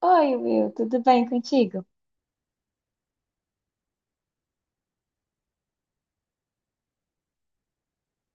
Oi, Will, tudo bem contigo?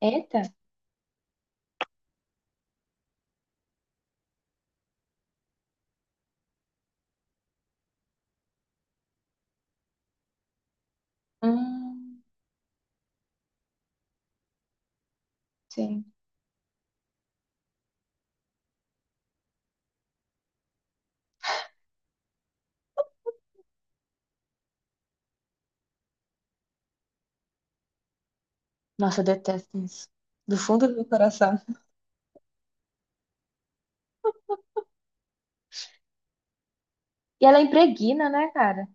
Eita. Hum, sim. Nossa, eu detesto isso. Do fundo do meu coração. E ela é impregna, né, cara?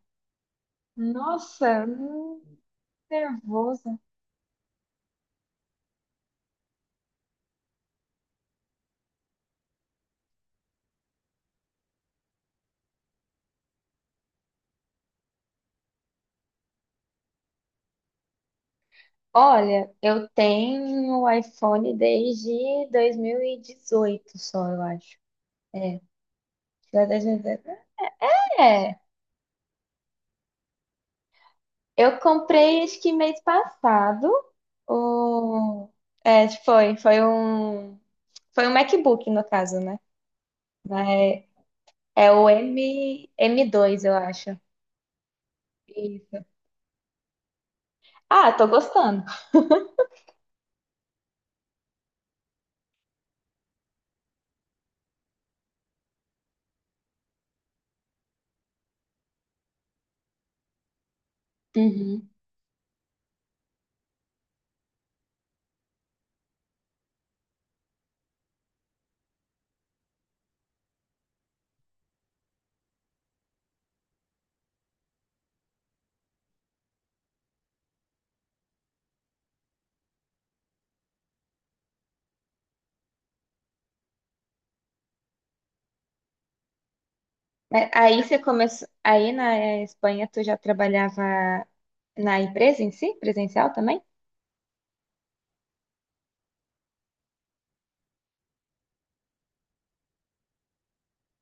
Nossa, nervosa. Olha, eu tenho o iPhone desde 2018, só, eu acho. É, já desde- é, eu comprei acho que mês passado. O... É, foi um MacBook, no caso, né? É o M2, eu acho. Isso. Ah, tô gostando. Uhum. Mas aí você começou. Aí na Espanha tu já trabalhava na empresa em si, presencial também?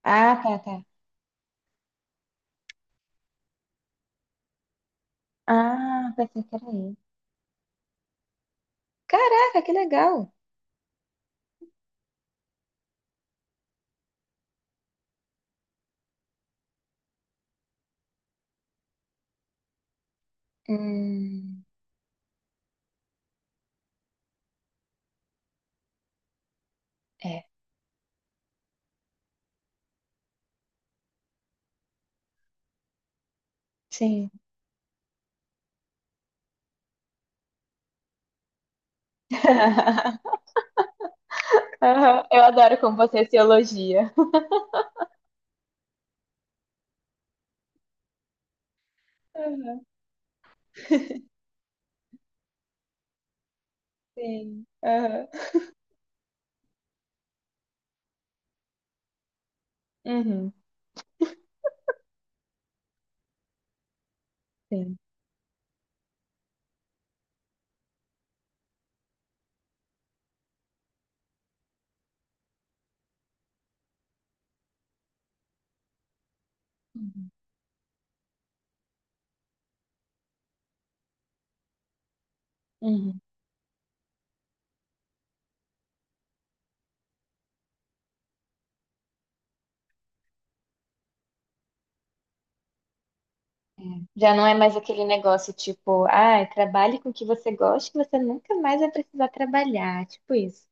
Ah, tá, tá. Ah, pensei que era aí. Caraca, que legal. Hum, é, sim. Aham, eu adoro como você se elogia. Aham. Sim. Aham. Uhum, sim. Uhum. Já não é mais aquele negócio tipo, ah, trabalhe com o que você gosta, que você nunca mais vai precisar trabalhar. Tipo isso.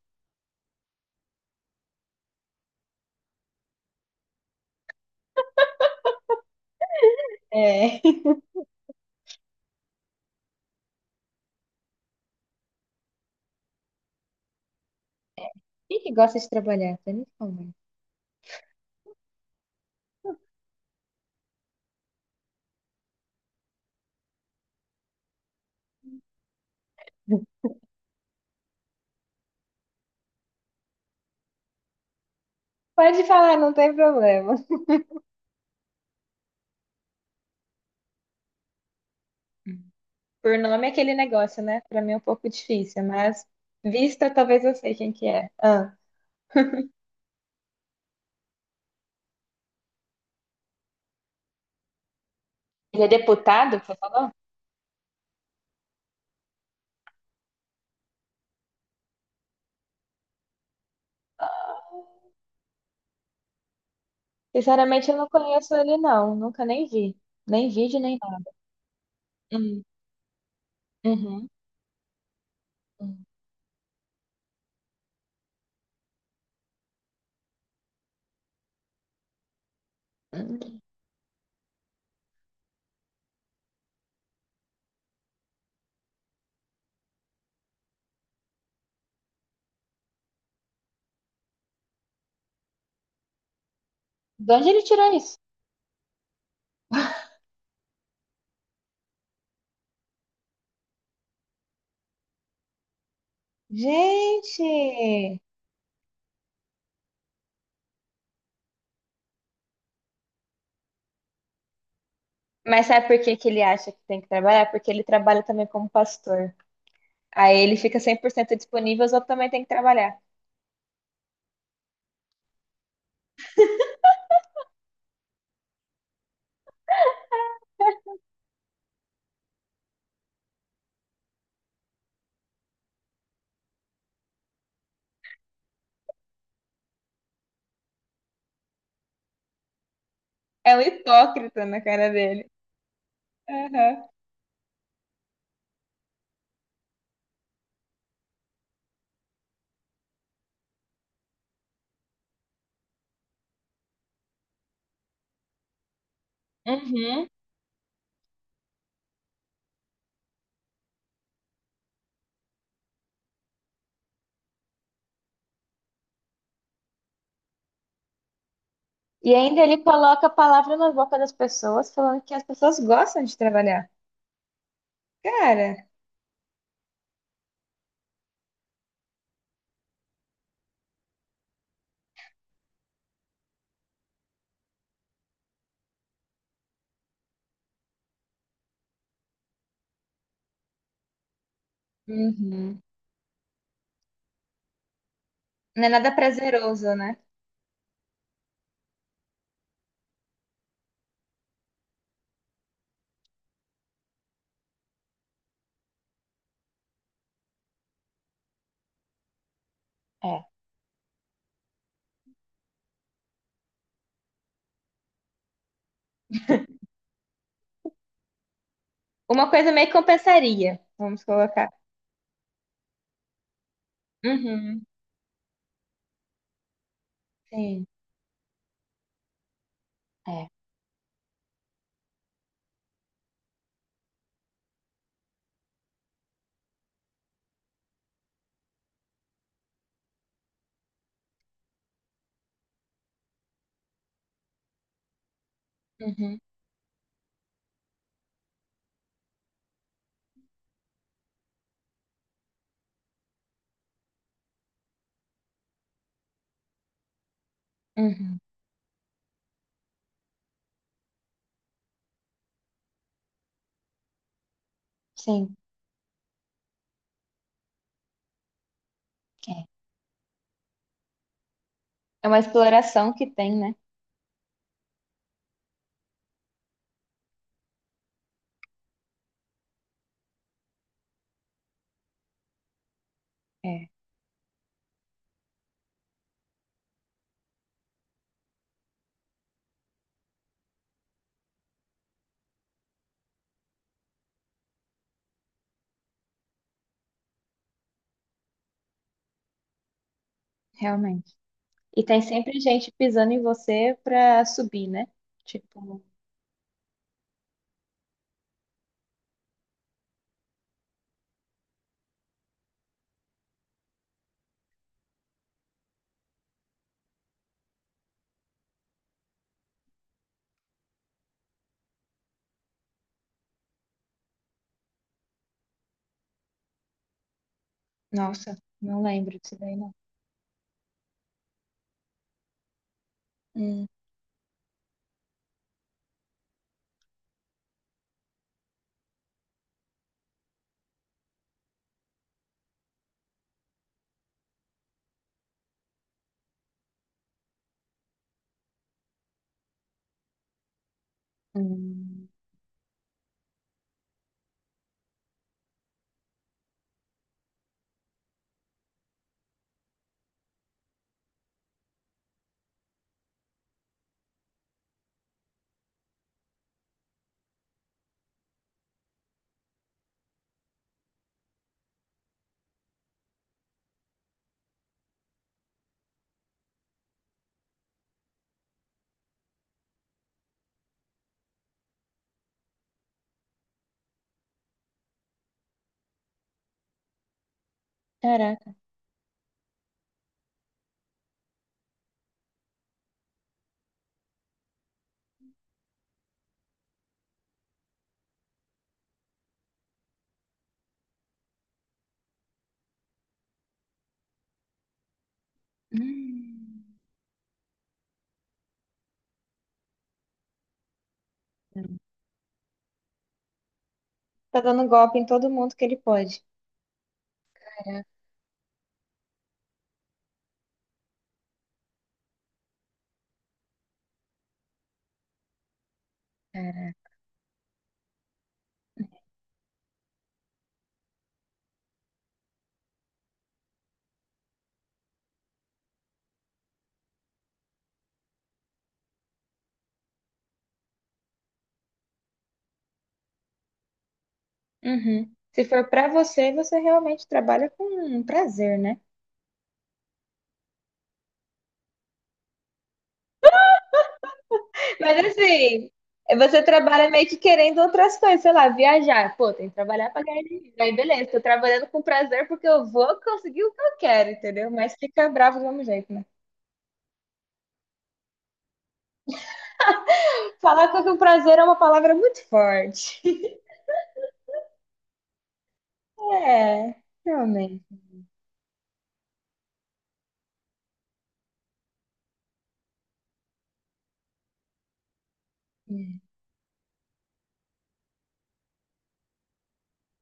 É. Quem que gosta de trabalhar? Pra mim, como é? Pode falar, não tem problema. Por nome é aquele negócio, né? Pra mim é um pouco difícil, mas vista talvez eu sei quem que é. Ah, ele é deputado, que você falou? Sinceramente, eu não conheço ele, não. Nunca nem vi. Nem vídeo, nem nada. Hum, uhum, uhum. De onde ele tirou isso? Gente! Mas sabe por que que ele acha que tem que trabalhar? Porque ele trabalha também como pastor. Aí ele fica 100% disponível, os outros também têm que trabalhar. É um hipócrita na cara dele. Aham. Uhum. E ainda ele coloca a palavra na boca das pessoas, falando que as pessoas gostam de trabalhar. Cara, uhum. Não é nada prazeroso, né? É. Uma coisa meio que compensaria, vamos colocar. Uhum. Sim. É. Uhum. Uhum. Sim. É. É uma exploração que tem, né? É, realmente. E tem sempre gente pisando em você pra subir, né? Tipo, nossa, não lembro disso daí, não. Hum. Hum, caraca. Hum, não. Tá dando golpe em todo mundo que ele pode. Caraca, cara. Uhum. Se for pra você, você realmente trabalha com prazer, né? Mas assim, você trabalha meio que querendo outras coisas, sei lá, viajar. Pô, tem que trabalhar pra ganhar dinheiro. Aí beleza, tô trabalhando com prazer porque eu vou conseguir o que eu quero, entendeu? Mas fica bravo do mesmo jeito, né? Falar que o prazer é uma palavra muito forte. É, realmente.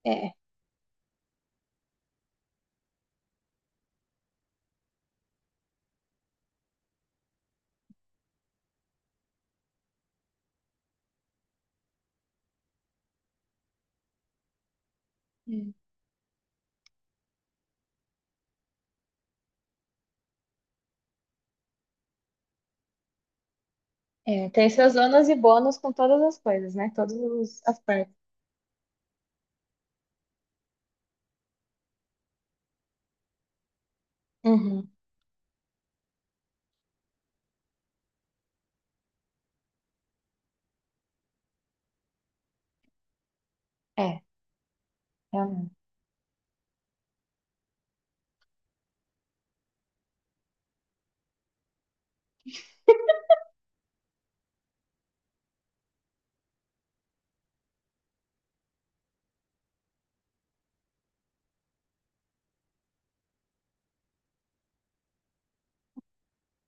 É, é. É, tem seus ônus e bônus com todas as coisas, né? Todos os aspectos. Uhum. É, realmente.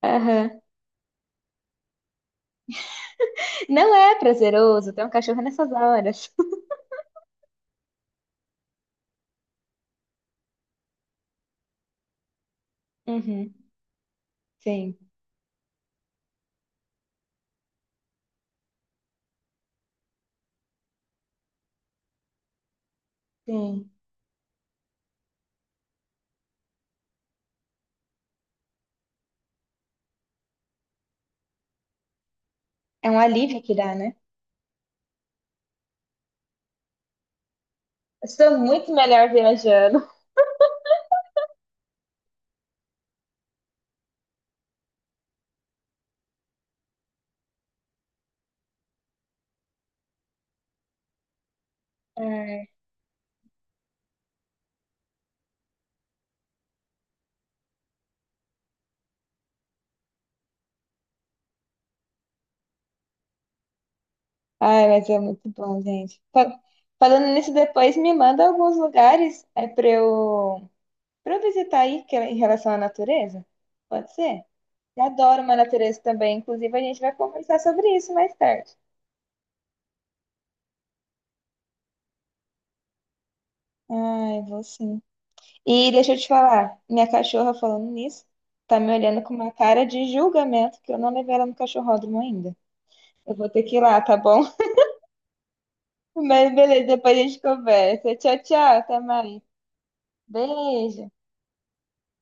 Aham. Não é prazeroso ter um cachorro nessas horas. Uhum. Sim, sim. É um alívio que dá, né? Eu sou muito melhor viajando. Ai, ai, mas é muito bom, gente. Falando nisso, depois me manda alguns lugares, para visitar aí, que é em relação à natureza? Pode ser? Eu adoro uma natureza também. Inclusive, a gente vai conversar sobre isso mais tarde. Ai, vou sim. E deixa eu te falar, minha cachorra, falando nisso, tá me olhando com uma cara de julgamento que eu não levei ela no cachorródromo ainda. Eu vou ter que ir lá, tá bom? Mas beleza, depois a gente conversa. Tchau, tchau, até mais. Beijo.